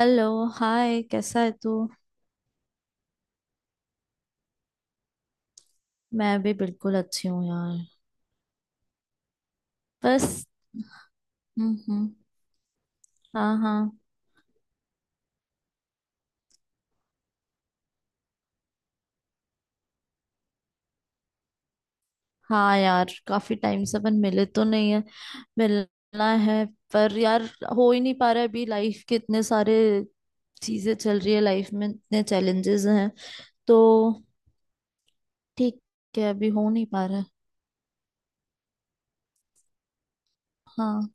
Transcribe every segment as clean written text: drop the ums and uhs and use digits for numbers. Hello, hi. कैसा है तू? मैं भी बिल्कुल अच्छी हूँ यार। बस। हम्म, हम्म। हाँ, हाँ। हाँ यार, काफी टाइम से अपन मिले तो नहीं है। मिलना है पर यार, हो ही नहीं पा रहा है। अभी लाइफ के इतने सारे चीजें चल रही है, लाइफ में इतने चैलेंजेस हैं तो ठीक है, अभी हो नहीं पा रहा है। हाँ,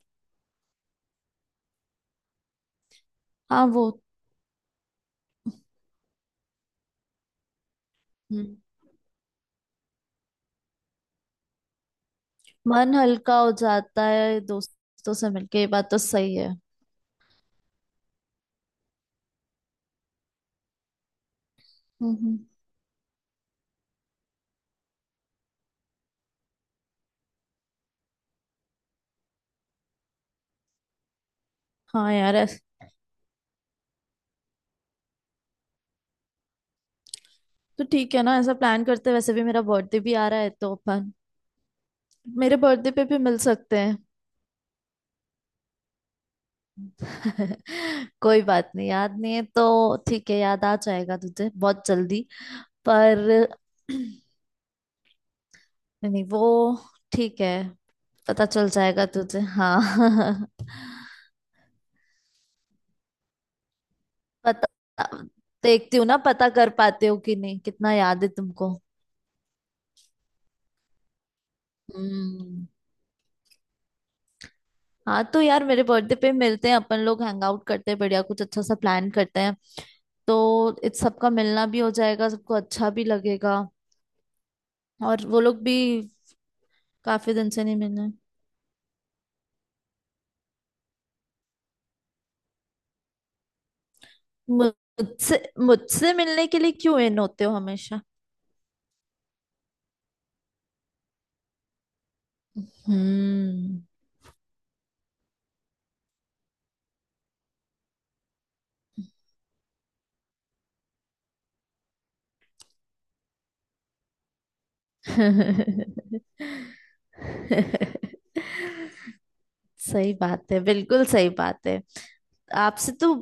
हाँ। वो हम्म। मन हल्का हो जाता है दोस्तों से मिलके, ये बात तो सही है। हम्म, हम्म। हाँ यार, तो ठीक है ना, ऐसा प्लान करते हैं। वैसे भी मेरा बर्थडे भी आ रहा है तो अपन मेरे बर्थडे पे भी मिल सकते हैं। कोई बात नहीं, याद नहीं है तो ठीक है, याद आ जाएगा तुझे बहुत जल्दी। पर नहीं वो ठीक है। पता चल जाएगा तुझे, हाँ। पता देखती हूँ ना, पता कर पाते हो कि नहीं, कितना याद है तुमको। हम्म। हाँ तो यार, मेरे बर्थडे पे मिलते हैं अपन लोग, हैंग आउट करते हैं, बढ़िया कुछ अच्छा सा प्लान करते हैं। तो इत सबका मिलना भी हो जाएगा, सबको अच्छा भी लगेगा। और वो लोग भी काफी दिन से नहीं मिले। मुझसे मुझसे मिलने के लिए क्यों इन होते हो हमेशा? हम्म। सही बात है, बिल्कुल सही बात है। आपसे तो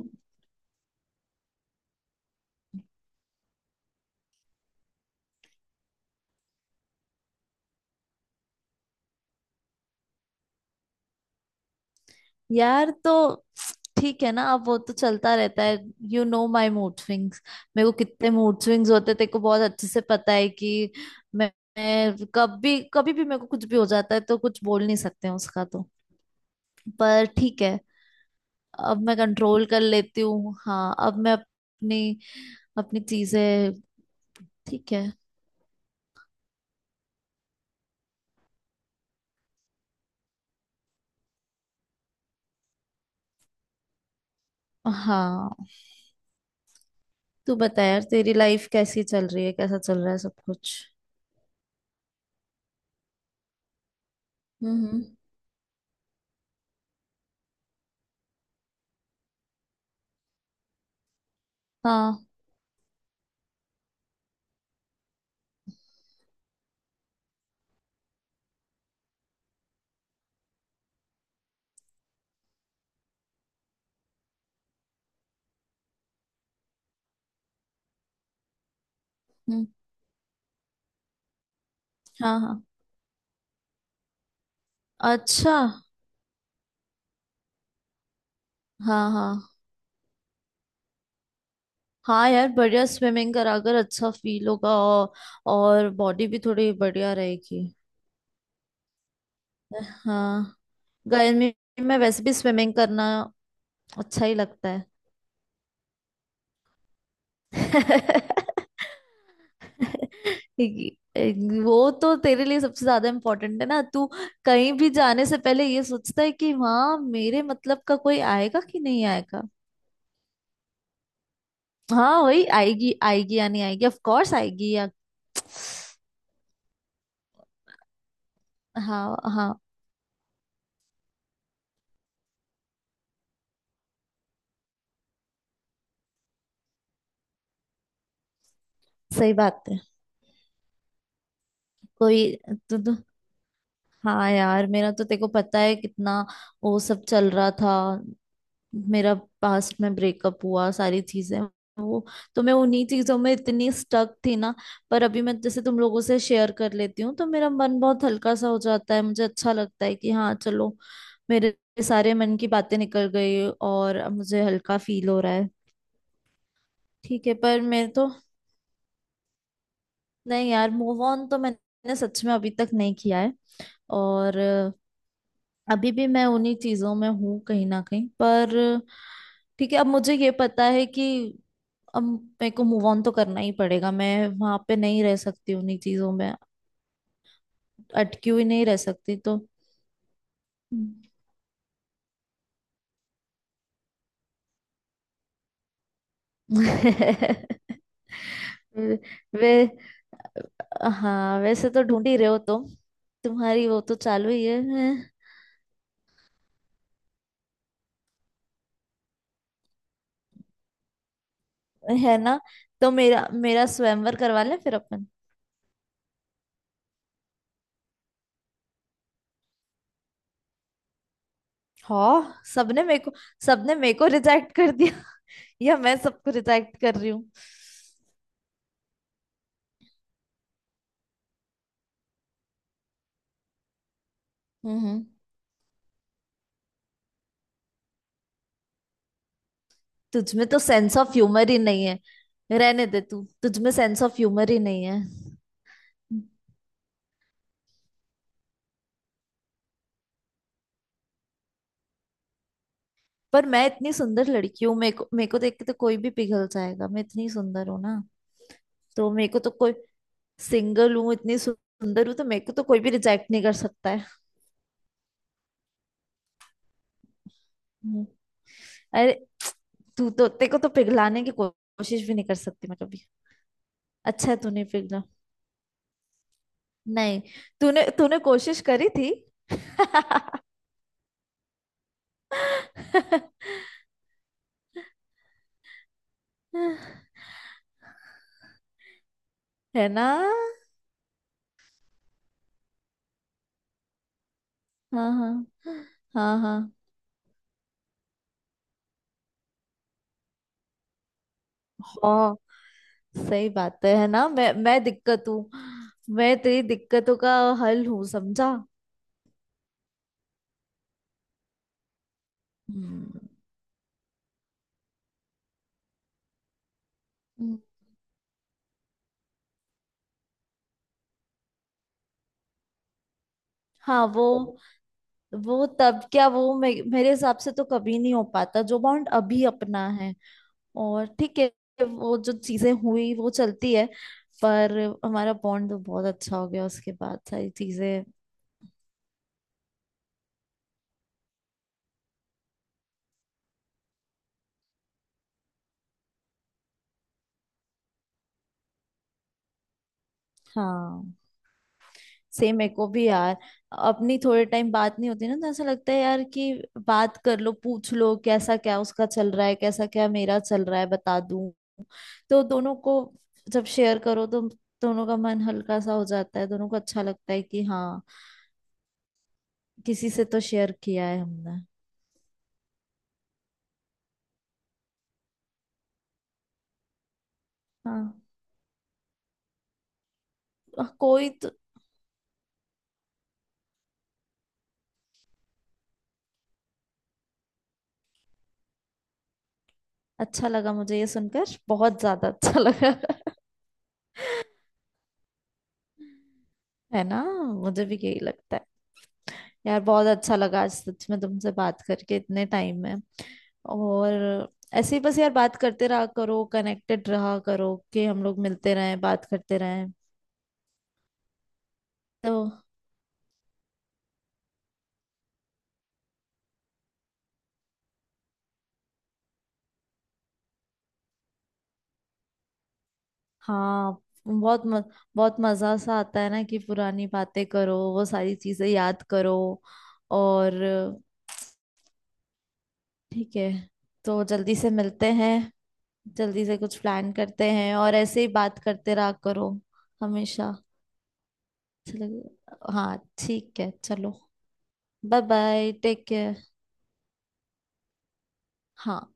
यार, तो ठीक है ना, अब वो तो चलता रहता है। You know my mood swings. मेरे को कितने मूड स्विंग्स होते हैं तेरे को बहुत अच्छे से पता है कि मैं, मैं कभी कभी भी मेरे को कुछ भी हो जाता है तो कुछ बोल नहीं सकते हैं उसका, तो पर ठीक है। अब मैं कंट्रोल कर लेती हूँ। हाँ, अब मैं अपनी अपनी चीजें ठीक है। हाँ, तू बता यार, तेरी लाइफ कैसी चल रही है, कैसा चल रहा है सब कुछ? हम्म, हाँ, हम्म। हाँ, हाँ, अच्छा। हाँ, हाँ। हाँ यार बढ़िया, स्विमिंग करा कर अच्छा फील होगा, और बॉडी भी थोड़ी बढ़िया रहेगी। हाँ, गर्मी में वैसे भी स्विमिंग करना अच्छा ही लगता है। ये- वो तो तेरे लिए सबसे ज्यादा इम्पोर्टेंट है ना। तू कहीं भी जाने से पहले ये सोचता है कि वहाँ मेरे मतलब का कोई आएगा कि नहीं आएगा। हाँ वही, आएगी, आएगी या नहीं आएगी, ऑफ कोर्स आएगी या। हाँ, हाँ। सही बात है। कोई तू। हाँ यार, मेरा तो तेको पता है कितना वो सब चल रहा था। मेरा पास्ट में ब्रेकअप हुआ, सारी चीजें वो, तो मैं उन्हीं चीजों में इतनी स्टक थी ना। पर अभी मैं जैसे तुम लोगों से शेयर कर लेती हूँ तो मेरा मन बहुत हल्का सा हो जाता है, मुझे अच्छा लगता है कि हाँ चलो, मेरे सारे मन की बातें निकल गई और अब मुझे हल्का फील हो रहा है। ठीक है पर मैं तो, नहीं यार, मूव ऑन तो मैंने सच में अभी तक नहीं किया है। और अभी भी मैं उन्हीं चीजों में हूँ कहीं ना कहीं। पर ठीक है, अब मुझे ये पता है कि अब मेरे को मूव ऑन तो करना ही पड़ेगा, मैं वहां पे नहीं रह सकती उन्हीं चीजों में, अटकी हुई नहीं रह सकती। तो हम्म। वे वे हाँ, वैसे तो ढूंढ ही रहे हो तुम, तुम्हारी वो तो चालू ही है ना? तो मेरा मेरा स्वयंवर करवा लें फिर अपन। हाँ, सबने मेरे को रिजेक्ट कर दिया। या मैं सबको रिजेक्ट कर रही हूँ। हम्म। तुझमें तो सेंस ऑफ ह्यूमर ही नहीं है। रहने दे तू, तुझमें सेंस ऑफ ह्यूमर ही नहीं है। पर मैं इतनी सुंदर लड़की हूँ, मेरे को देख के तो कोई भी पिघल जाएगा। मैं इतनी सुंदर हूँ ना, तो मेरे को तो कोई सिंगल हूँ, इतनी सुंदर हूँ तो मेरे को तो कोई भी रिजेक्ट नहीं कर सकता है। हम्म। अरे तू तो, तेरे को तो पिघलाने की कोशिश भी नहीं कर सकती मैं कभी। अच्छा है तूने पिघला नहीं, तूने तूने कोशिश करी थी। है ना। हाँ, हाँ, हाँ, हाँ, हाँ, सही बात है ना? मैं दिक्कत हूँ, मैं तेरी दिक्कतों का हल हूँ, समझा? हम्म, हम्म। हाँ वो तब क्या, वो मेरे हिसाब से तो कभी नहीं हो पाता जो बॉन्ड अभी अपना है। और ठीक है, वो जो चीजें हुई वो चलती है, पर हमारा बॉन्ड तो बहुत अच्छा हो गया उसके बाद सारी चीजें। हाँ, सेम मेरे को भी यार। अपनी थोड़े टाइम बात नहीं होती ना तो ऐसा लगता है यार कि बात कर लो, पूछ लो कैसा क्या उसका चल रहा है, कैसा क्या मेरा चल रहा है बता दूं। तो दोनों को, जब शेयर करो तो दोनों का मन हल्का सा हो जाता है, दोनों को अच्छा लगता है कि हाँ, किसी से तो शेयर किया है हमने। हाँ, कोई तो अच्छा लगा मुझे ये सुनकर, बहुत ज्यादा अच्छा लगा। है ना, मुझे भी यही लगता है। यार बहुत अच्छा लगा आज सच में तुमसे बात करके इतने टाइम में। और ऐसे ही बस यार, बात करते रहा करो, कनेक्टेड रहा करो कि हम लोग मिलते रहें, बात करते रहें। तो हाँ, बहुत म, बहुत मजा सा आता है ना कि पुरानी बातें करो, वो सारी चीजें याद करो। और ठीक है, तो जल्दी से मिलते हैं, जल्दी से कुछ प्लान करते हैं और ऐसे ही बात करते रहा करो हमेशा। अच्छा लगे, हाँ। ठीक है चलो, बाय बाय, टेक केयर। हाँ।